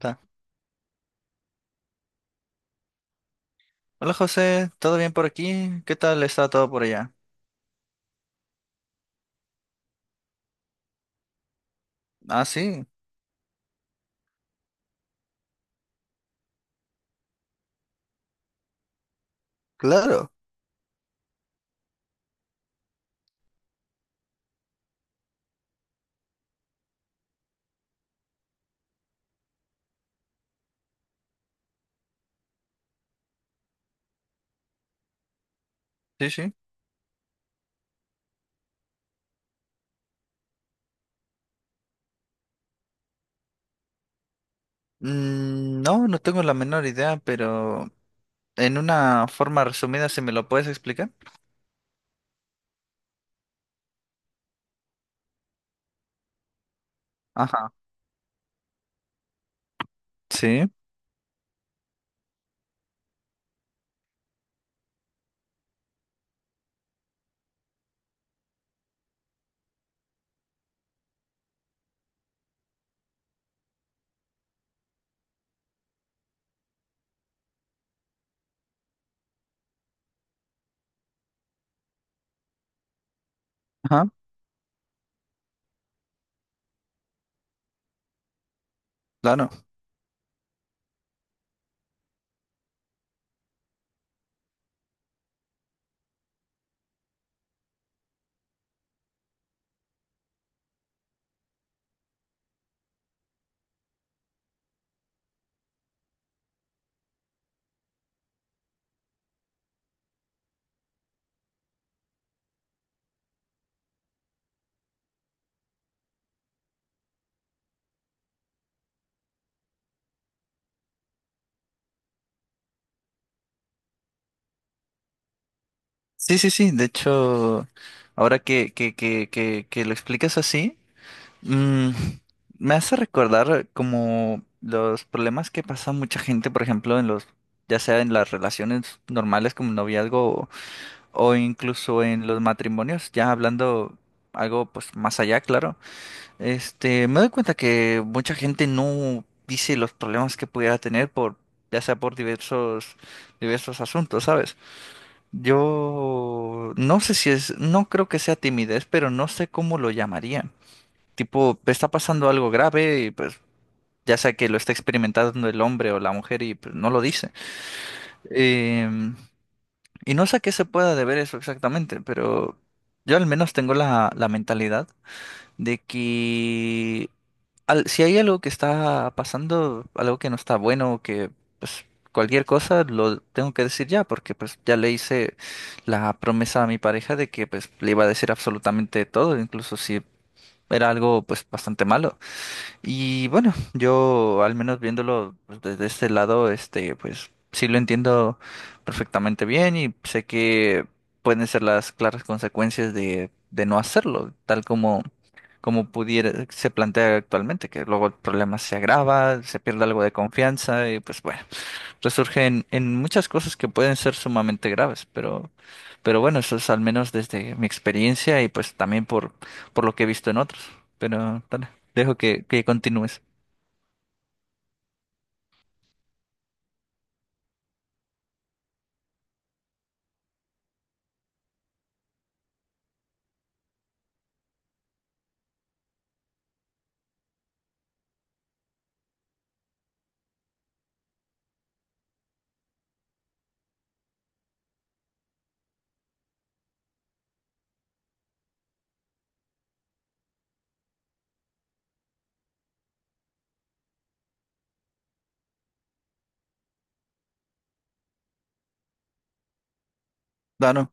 Ta. Hola José, ¿todo bien por aquí? ¿Qué tal está todo por allá? Ah, sí, claro, sí, sí. No, no tengo la menor idea, pero en una forma resumida, si me lo puedes explicar. Ajá, sí, ajá, claro. Sí, sí, sí, de hecho, ahora que lo explicas así, mm, me hace recordar como los problemas que pasa mucha gente, por ejemplo, en ya sea en las relaciones normales como noviazgo o incluso en los matrimonios, ya hablando algo pues más allá, claro, este, me doy cuenta que mucha gente no dice los problemas que pudiera tener por, ya sea por diversos asuntos, ¿sabes? Yo no sé si es, no creo que sea timidez, pero no sé cómo lo llamaría. Tipo, está pasando algo grave y pues ya sea que lo está experimentando el hombre o la mujer y pues no lo dice. Em, y no sé a qué se pueda deber eso exactamente, pero yo al menos tengo la mentalidad de que si hay algo que está pasando, algo que no está bueno, que pues cualquier cosa lo tengo que decir ya, porque pues ya le hice la promesa a mi pareja de que pues le iba a decir absolutamente todo, incluso si era algo pues bastante malo. Y bueno, yo al menos viéndolo pues, desde este lado, este, pues sí lo entiendo perfectamente bien y sé que pueden ser las claras consecuencias de no hacerlo, tal como, como pudiera, se plantea actualmente, que luego el problema se agrava, se pierde algo de confianza y pues bueno resurge en muchas cosas que pueden ser sumamente graves, pero bueno, eso es al menos desde mi experiencia y pues también por lo que he visto en otros. Pero dale, dejo que continúes. Claro,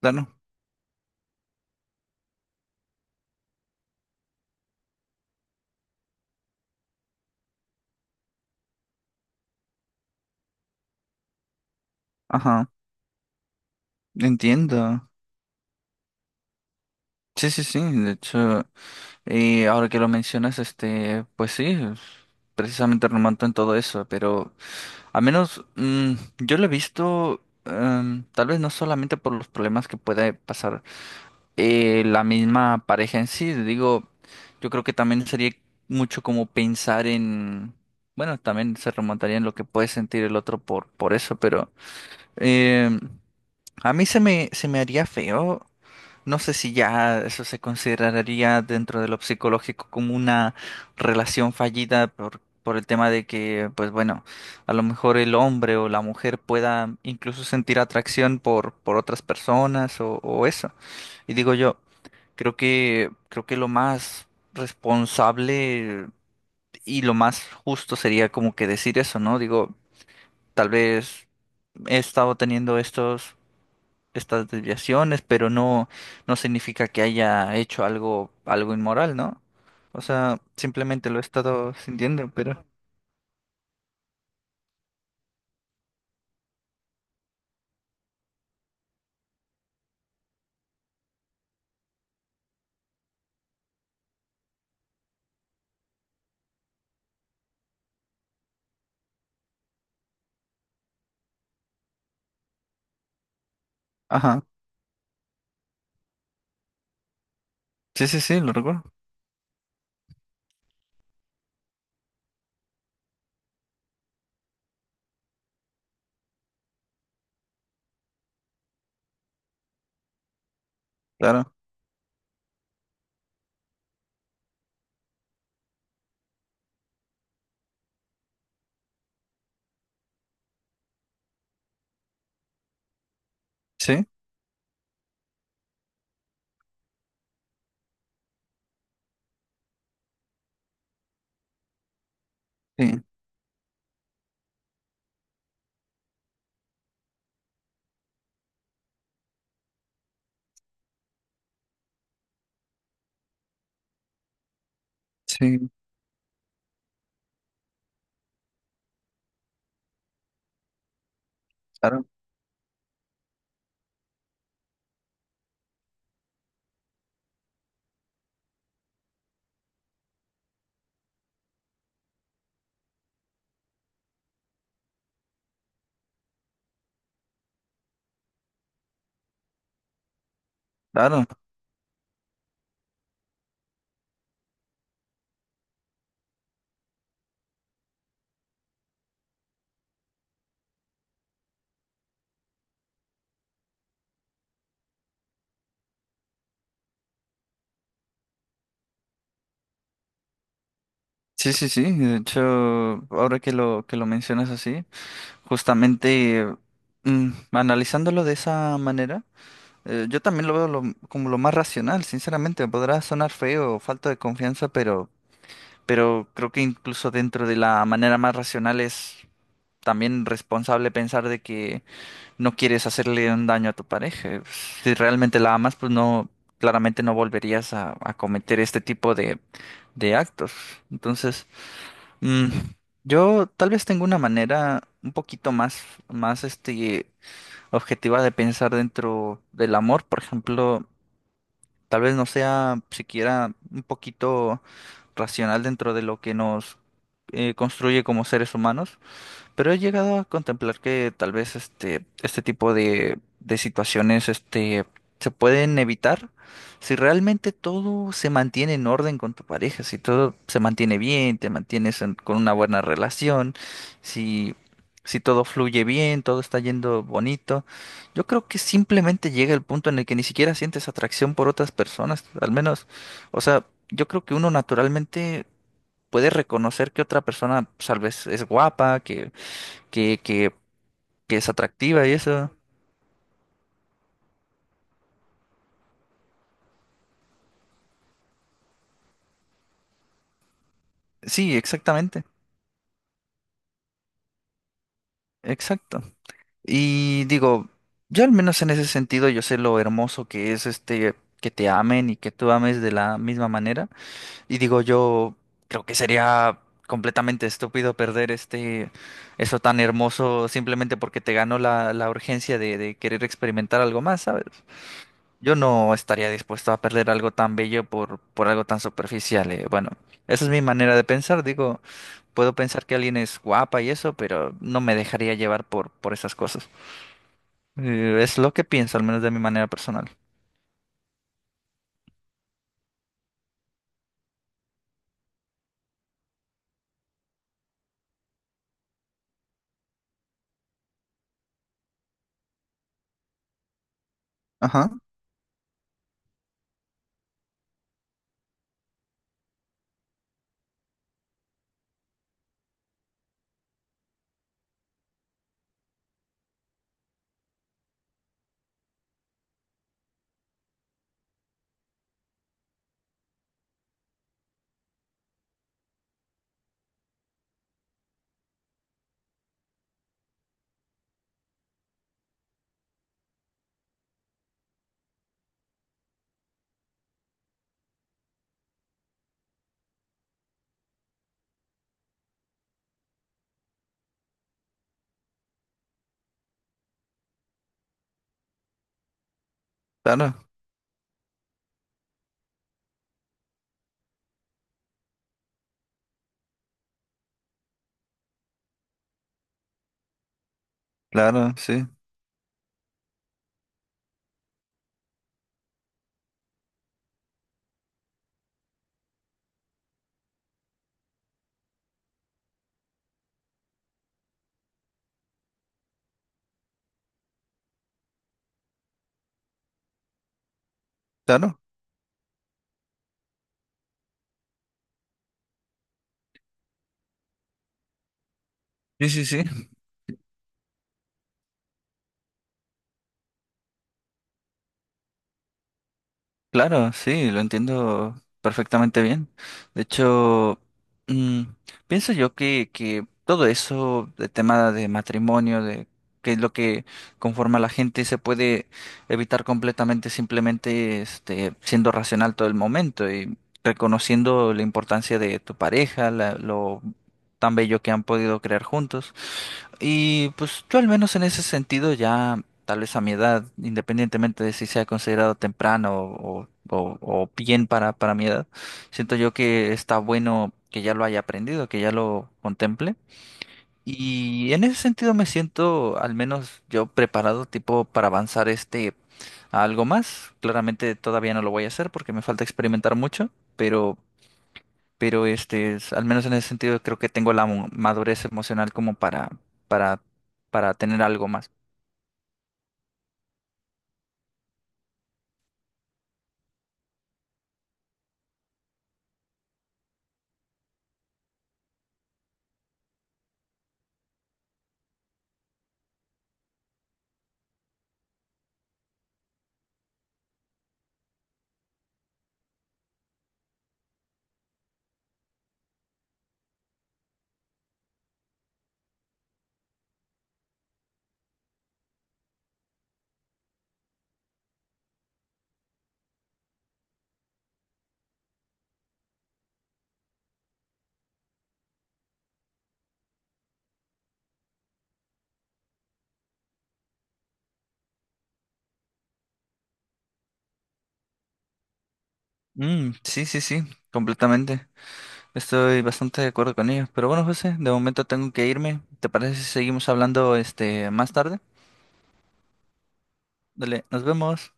claro. Ajá, entiendo. Sí, sí, sí. De hecho, y ahora que lo mencionas, este, pues sí, es precisamente remonta en todo eso, pero al menos yo lo he visto, tal vez no solamente por los problemas que puede pasar. La misma pareja en sí. Digo, yo creo que también sería mucho como pensar en, bueno, también se remontaría en lo que puede sentir el otro por eso, pero eh, a mí se me haría feo. No sé si ya eso se consideraría dentro de lo psicológico como una relación fallida por el tema de que, pues bueno, a lo mejor el hombre o la mujer pueda incluso sentir atracción por otras personas o eso. Y digo yo, creo que, creo que lo más responsable y lo más justo sería como que decir eso, ¿no? Digo, tal vez he estado teniendo estas desviaciones, pero no, no significa que haya hecho algo, algo inmoral, ¿no? O sea, simplemente lo he estado sintiendo, pero... Ajá. Sí, sí, sí, lo recuerdo. Claro. Sí, sí, sí, claro, claro. Sí, sí, sí. De hecho, ahora que lo mencionas así. Justamente, analizándolo de esa manera, yo también lo veo como lo más racional, sinceramente. Podrá sonar feo o falta de confianza, pero creo que incluso dentro de la manera más racional es también responsable pensar de que no quieres hacerle un daño a tu pareja. Si realmente la amas, pues no, claramente no volverías a cometer este tipo de actos. Entonces, mm, yo tal vez tengo una manera un poquito más, más este objetiva de pensar dentro del amor, por ejemplo, tal vez no sea siquiera un poquito racional dentro de lo que nos construye como seres humanos. Pero he llegado a contemplar que tal vez este, este tipo de situaciones este, se pueden evitar si realmente todo se mantiene en orden con tu pareja, si todo se mantiene bien, te mantienes con una buena relación, si, si todo fluye bien, todo está yendo bonito. Yo creo que simplemente llega el punto en el que ni siquiera sientes atracción por otras personas, al menos, o sea, yo creo que uno naturalmente puede reconocer que otra persona pues, tal vez es guapa, que, que, que es atractiva y eso. Sí, exactamente, exacto. Y digo, yo al menos en ese sentido yo sé lo hermoso que es este que te amen y que tú ames de la misma manera. Y digo, yo creo que sería completamente estúpido perder este eso tan hermoso simplemente porque te ganó la urgencia de querer experimentar algo más, ¿sabes? Yo no estaría dispuesto a perder algo tan bello por algo tan superficial. Bueno, esa es mi manera de pensar. Digo, puedo pensar que alguien es guapa y eso, pero no me dejaría llevar por esas cosas. Es lo que pienso, al menos de mi manera personal. Ajá, claro, claro, sí, claro. Sí, sí, sí. Claro, sí, lo entiendo perfectamente bien. De hecho, mm, pienso yo que todo eso, de tema de matrimonio, de qué es lo que conforma a la gente, se puede evitar completamente simplemente este, siendo racional todo el momento y reconociendo la importancia de tu pareja, lo tan bello que han podido crear juntos. Y pues yo al menos en ese sentido ya, tal vez a mi edad, independientemente de si sea considerado temprano o, o bien para mi edad, siento yo que está bueno que ya lo haya aprendido, que ya lo contemple. Y en ese sentido me siento al menos yo preparado tipo para avanzar este a algo más. Claramente todavía no lo voy a hacer porque me falta experimentar mucho, pero pero este, al menos en ese sentido creo que tengo la madurez emocional como para, para tener algo más. Sí, sí, sí, completamente. Estoy bastante de acuerdo con ello. Pero bueno, José, de momento tengo que irme. ¿Te parece si seguimos hablando este más tarde? Dale, nos vemos.